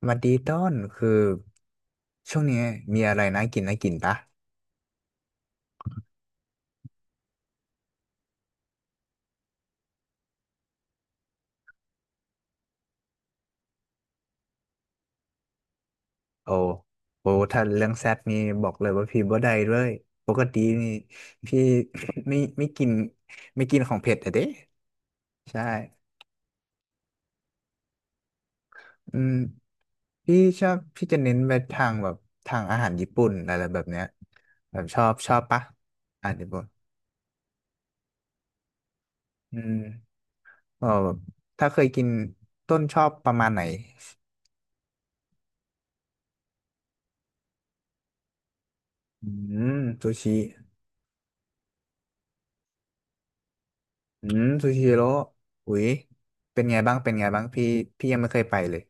สวัสดีต้นคือช่วงนี้มีอะไรน่ากินปะโอ้โอถ้าเรื่องแซดนี่บอกเลยว่าพี่บ่ได้เลยปกตินี่พี่ ไม่กินไม่กินของเผ็ดอะเด้ใช่อืมพี่ชอบพี่จะเน้นไปทางแบบทางอาหารญี่ปุ่นอะไรแบบเนี้ยแบบชอบปะอาหารญี่ปุ่นอืมก็แบบถ้าเคยกินต้นชอบประมาณไหนอืมซูชิ อืมซูชิโร่อุ้ยเป็นไงบ้างพี่พี่ยังไม่เคยไปเลย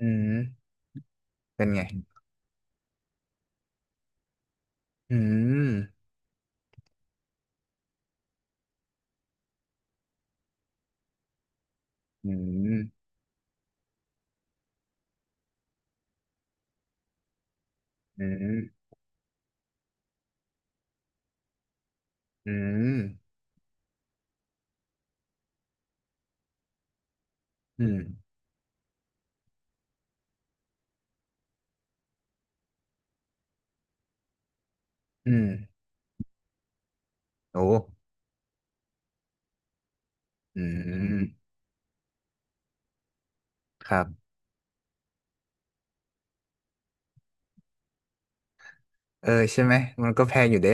อืมเป็นไงอืมอืมอืมอืมอืมอืมโอ้อืมครับเออใช่ไหมมันก็แพงอยู่เด้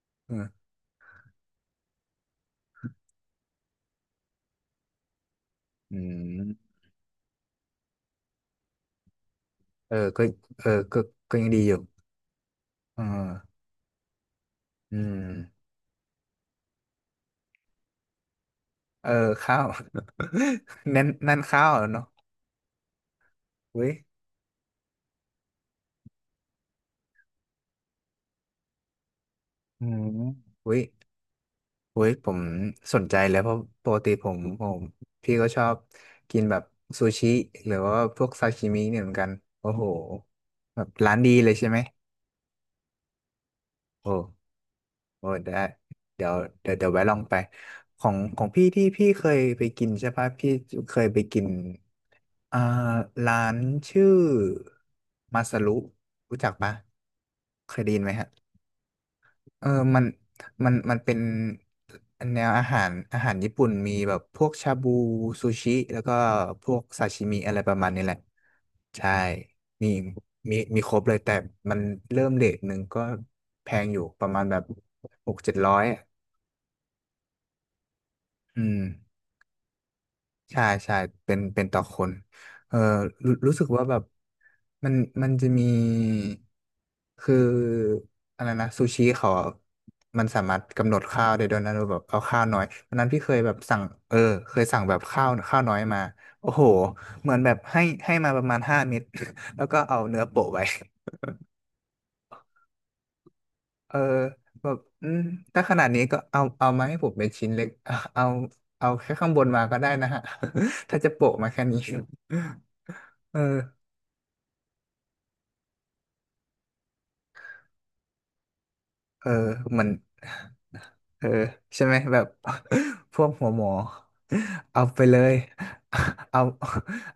อืมอืมเออก็เออก็ก็ยังดีอยู่เอออืมเออข้าว นั่นข้าวเหรอเนาะอุ้ยอืมอุ้ย เว้ยสนใจเลยเพราะปกติผมพี่ก็ชอบกินแบบซูชิหรือว่าพวกซาชิมิเนี่ยเหมือนกันโอ้โหแบบร้านดีเลยใช่ไหมโอ้โอ้ได้เดี๋ยวเดี๋ยวแวะลองไปของพี่ที่พี่เคยไปกินใช่ปะพี่เคยไปกินอ่าร้านชื่อมาซารุรู้จักปะเคยได้ยินไหมฮะ เออมันมันเป็นแนวอาหารญี่ปุ่นมีแบบพวกชาบูซูชิ แล้วก็พวกซาชิมิอะไรประมาณนี้แหละ ใช่ มีมีครบเลยแต่มันเริ่มเรทหนึ่งก็แพงอยู่ประมาณแบบหกเจ็ดร้อยอืม ใช่เป็นต่อคนเออรู้สึกว่าแบบมันมันจะมีคืออะไรนะซูชิเขาอะมันสามารถกำหนดข้าวได้ด้วยนะเราแบบเอาข้าวน้อยวันนั้นพี่เคยแบบสั่งเออเคยสั่งแบบข้าวน้อยมาโอ้โหเหมือนแบบให้มาประมาณห้าเม็ด แล้วก็เอาเนื้อโปะไว้เออแบบอืมถ้าขนาดนี้ก็เอามาให้ผมเป็นชิ้นเล็กเอาเอาแค่ข้างบนมาก็ได้นะฮะ ถ้าจะโปะมาแค่นี้ เออเออเหมือนเออใช่ไหมแบบ พวกหัวหมอเอาไปเลย เอา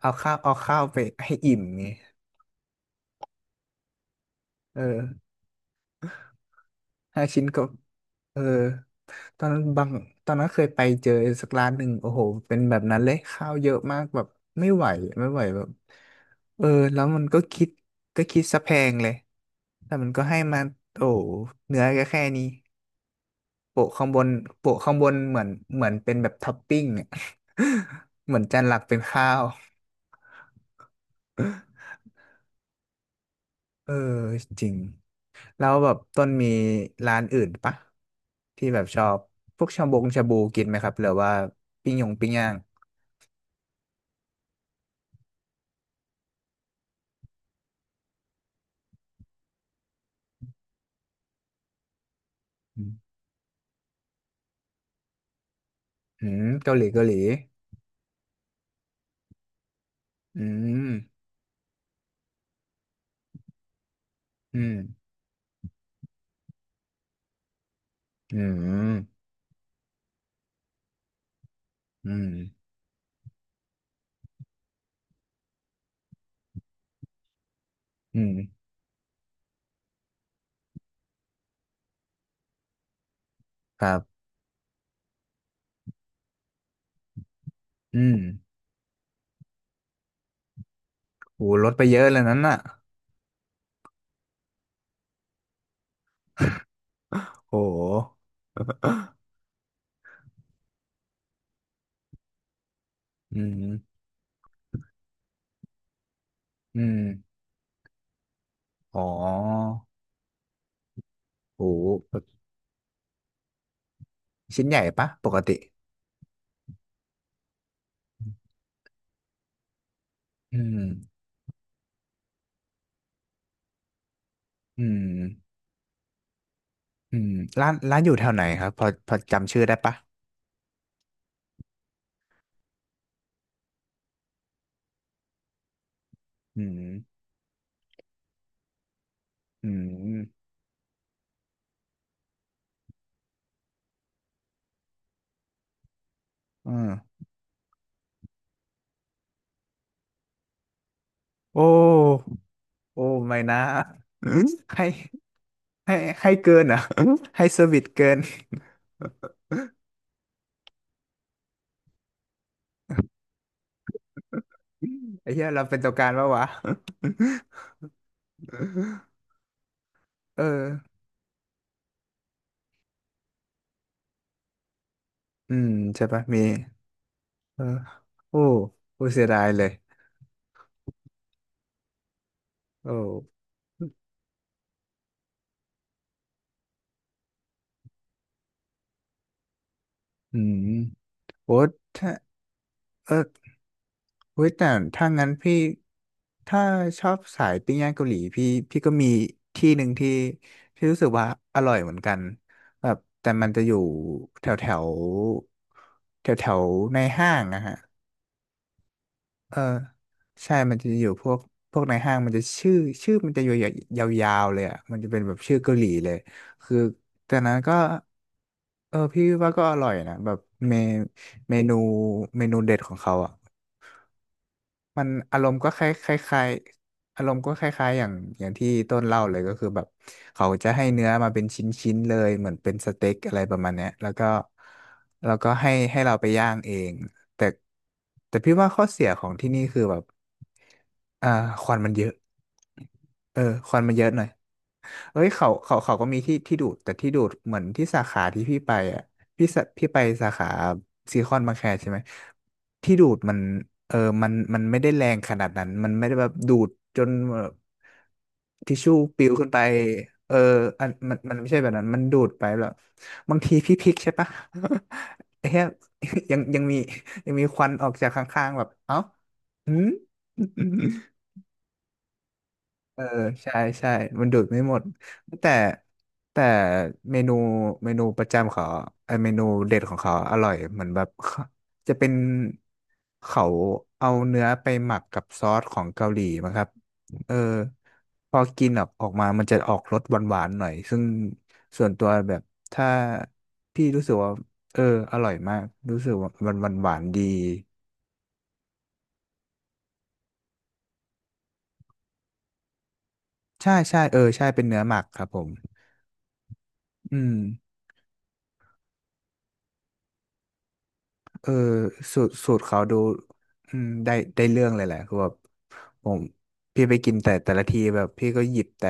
เอาข้าวเอาข้าวไปให้อิ่มไงเออห้าชิ้นก็เออตอนนั้นบางตอนนั้นเคยไปเจอสักร้านหนึ่งโอ้โหเป็นแบบนั้นเลยข้าวเยอะมากแบบไม่ไหวไม่ไหวแบบเออแล้วมันก็คิดก็คิดซะแพงเลยแต่มันก็ให้มาโอ้โหเนื้อก็แค่นี้ โปะข้างบนโปะข้างบนเหมือนเหมือนเป็นแบบท็อปปิ้งเน เหมือนจานหลักเป็นข้าวเออจริงแล้วแบบต้นมีร้านอื่นปะที่แบบชอบพวกชาบงชาบูกินไหมครับหรือว่าปิ้งยงปิ้งย่างอืมอืมเกาหลีอืมอืมอืมอืมอืมครับอืมโหลดไปเยอะเลยนั้นน่ะโหอืมอืมอ๋อโหแบบชิ้นใหญ่ปะปกติ อืมอืมอืมร้านอยู่แถวไหนครับพอจำชื่อได้ปะอืมอืมอืมโอ้โอ้ไม่นะ ให้ให้ให้เกินเหรอ่ะให้เซอร์วิสเกิน ไอ้เหี้ยเราเป็นตัวการปะวะ เอออืมใช่ปะ มีเออโอ้โอ้เสียดายเลยโอ้อืมโอ้ถ้าเออ เฮ้ยแต่ถ้างั้นพี่ถ้าชอบสายปิ้งย่างเกาหลีพี่พี่ก็มีที่หนึ่งที่ที่รู้สึกว่าอร่อยเหมือนกันแบบแต่มันจะอยู่แถวแถวแถวแถวๆในห้างนะฮะเออใช่มันจะอยู่พวกพวกในห้างมันจะชื่อชื่อมันจะยาวยาวๆเลยอ่ะมันจะเป็นแบบชื่อเกาหลีเลยคือแต่นั้นก็เออพี่ว่าก็อร่อยนะแบบเมเมนูเมนูเด็ดของเขาอ่ะ มันอารมณ์ก็คล้ายคล้ายๆอารมณ์ก็คล้ายๆอย่างที่ต้นเล่าเลยก็คือแบบเขาจะให้เนื้อมาเป็นชิ้นๆเลยเหมือนเป็นสเต็กอะไรประมาณเนี้ยแล้วก็ให้เราไปย่างเองแต่แต่พี่ว่าข้อเสียของที่นี่คือแบบอ่าควันมันเยอะเออควันมันเยอะหน่อย เอ้ยเขาก็มีที่ที่ดูดแต่ที่ดูดเหมือนที่สาขาที่พี่ไปอ่ะพี่ไปสาขาซีคอนบางแคใช่ไหมที่ดูดมันเออมันไม่ได้แรงขนาดนั้นมันไม่ได้แบบดูดจนแบบทิชชู่ปลิวขึ้นไปเออมันไม่ใช่แบบนั้นมันดูดไปแบบบางทีพี่พลิกใช่ปะ ไอ้เหี้ย ยังยังมียังมีควันออกจากข้างๆแบบเอ้าหืม เออใช่ใช่มันดูดไม่หมดแต่แต่เมนูเมนูประจำเขาไออเมนูเด็ดของเขาอร่อยเหมือนแบบ เขาจะเป็นเขาเอาเนื้อไปหมักกับซอสของเกาหลีมั้งครับเออพอกินออกมามันจะออกรสหวานๆหน่อยซึ่งส่วนตัวแบบถ้าพี่รู้สึกว่าเอออร่อยมากรู้สึกว่ามันหวานๆดีใช่เออใช่เป็นเนื้อหมักครับผมอืม เออสูตรเขาดูอืมได้เรื่องเลยแหละคือแบบผมพี่ไปกินแต่แต่ละทีแบบพี่ก็หยิบแต่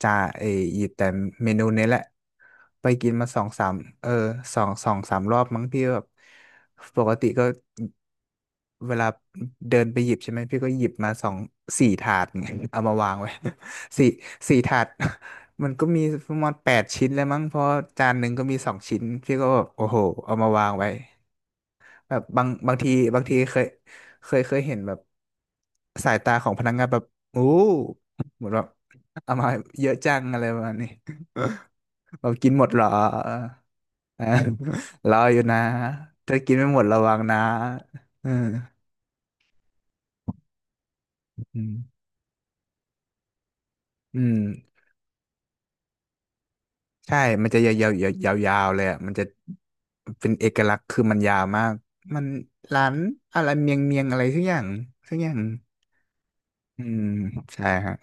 จาเอยหยิบแต่เมนูนี้แหละไปกินมาสองสามเออสองสามรอบมั้งพี่แบบปกติก็เวลาเดินไปหยิบใช่ไหมพี่ก็หยิบมาสองสี่ถาดไงเอามาวางไว้ สี่สี่ถาด มันก็มีประมาณแปดชิ้นเลยมั้งเพราะจานหนึ่งก็มีสองชิ้นพี่ก็แบบโอ้โหเอามาวางไว้ แบบบางบางทีบางทีเคยเห็นแบบสายตาของพนักงานแบบโอ้เหมือนแบบเอามาเยอะจังอะไรประมาณนี้ แบบกินหมดเหรออ่ารออยู่นะถ้ากินไม่หมดระวังนะเอออืมอืมใช่มันจะยาวเลยอ่ะมันจะเป็นเอกลักษณ์คือมันยาวมากมันร้านอะไรเมียงอะไรสักอย่างอืมใช่ฮะ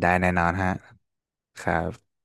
ได้แน่นอนฮะครับ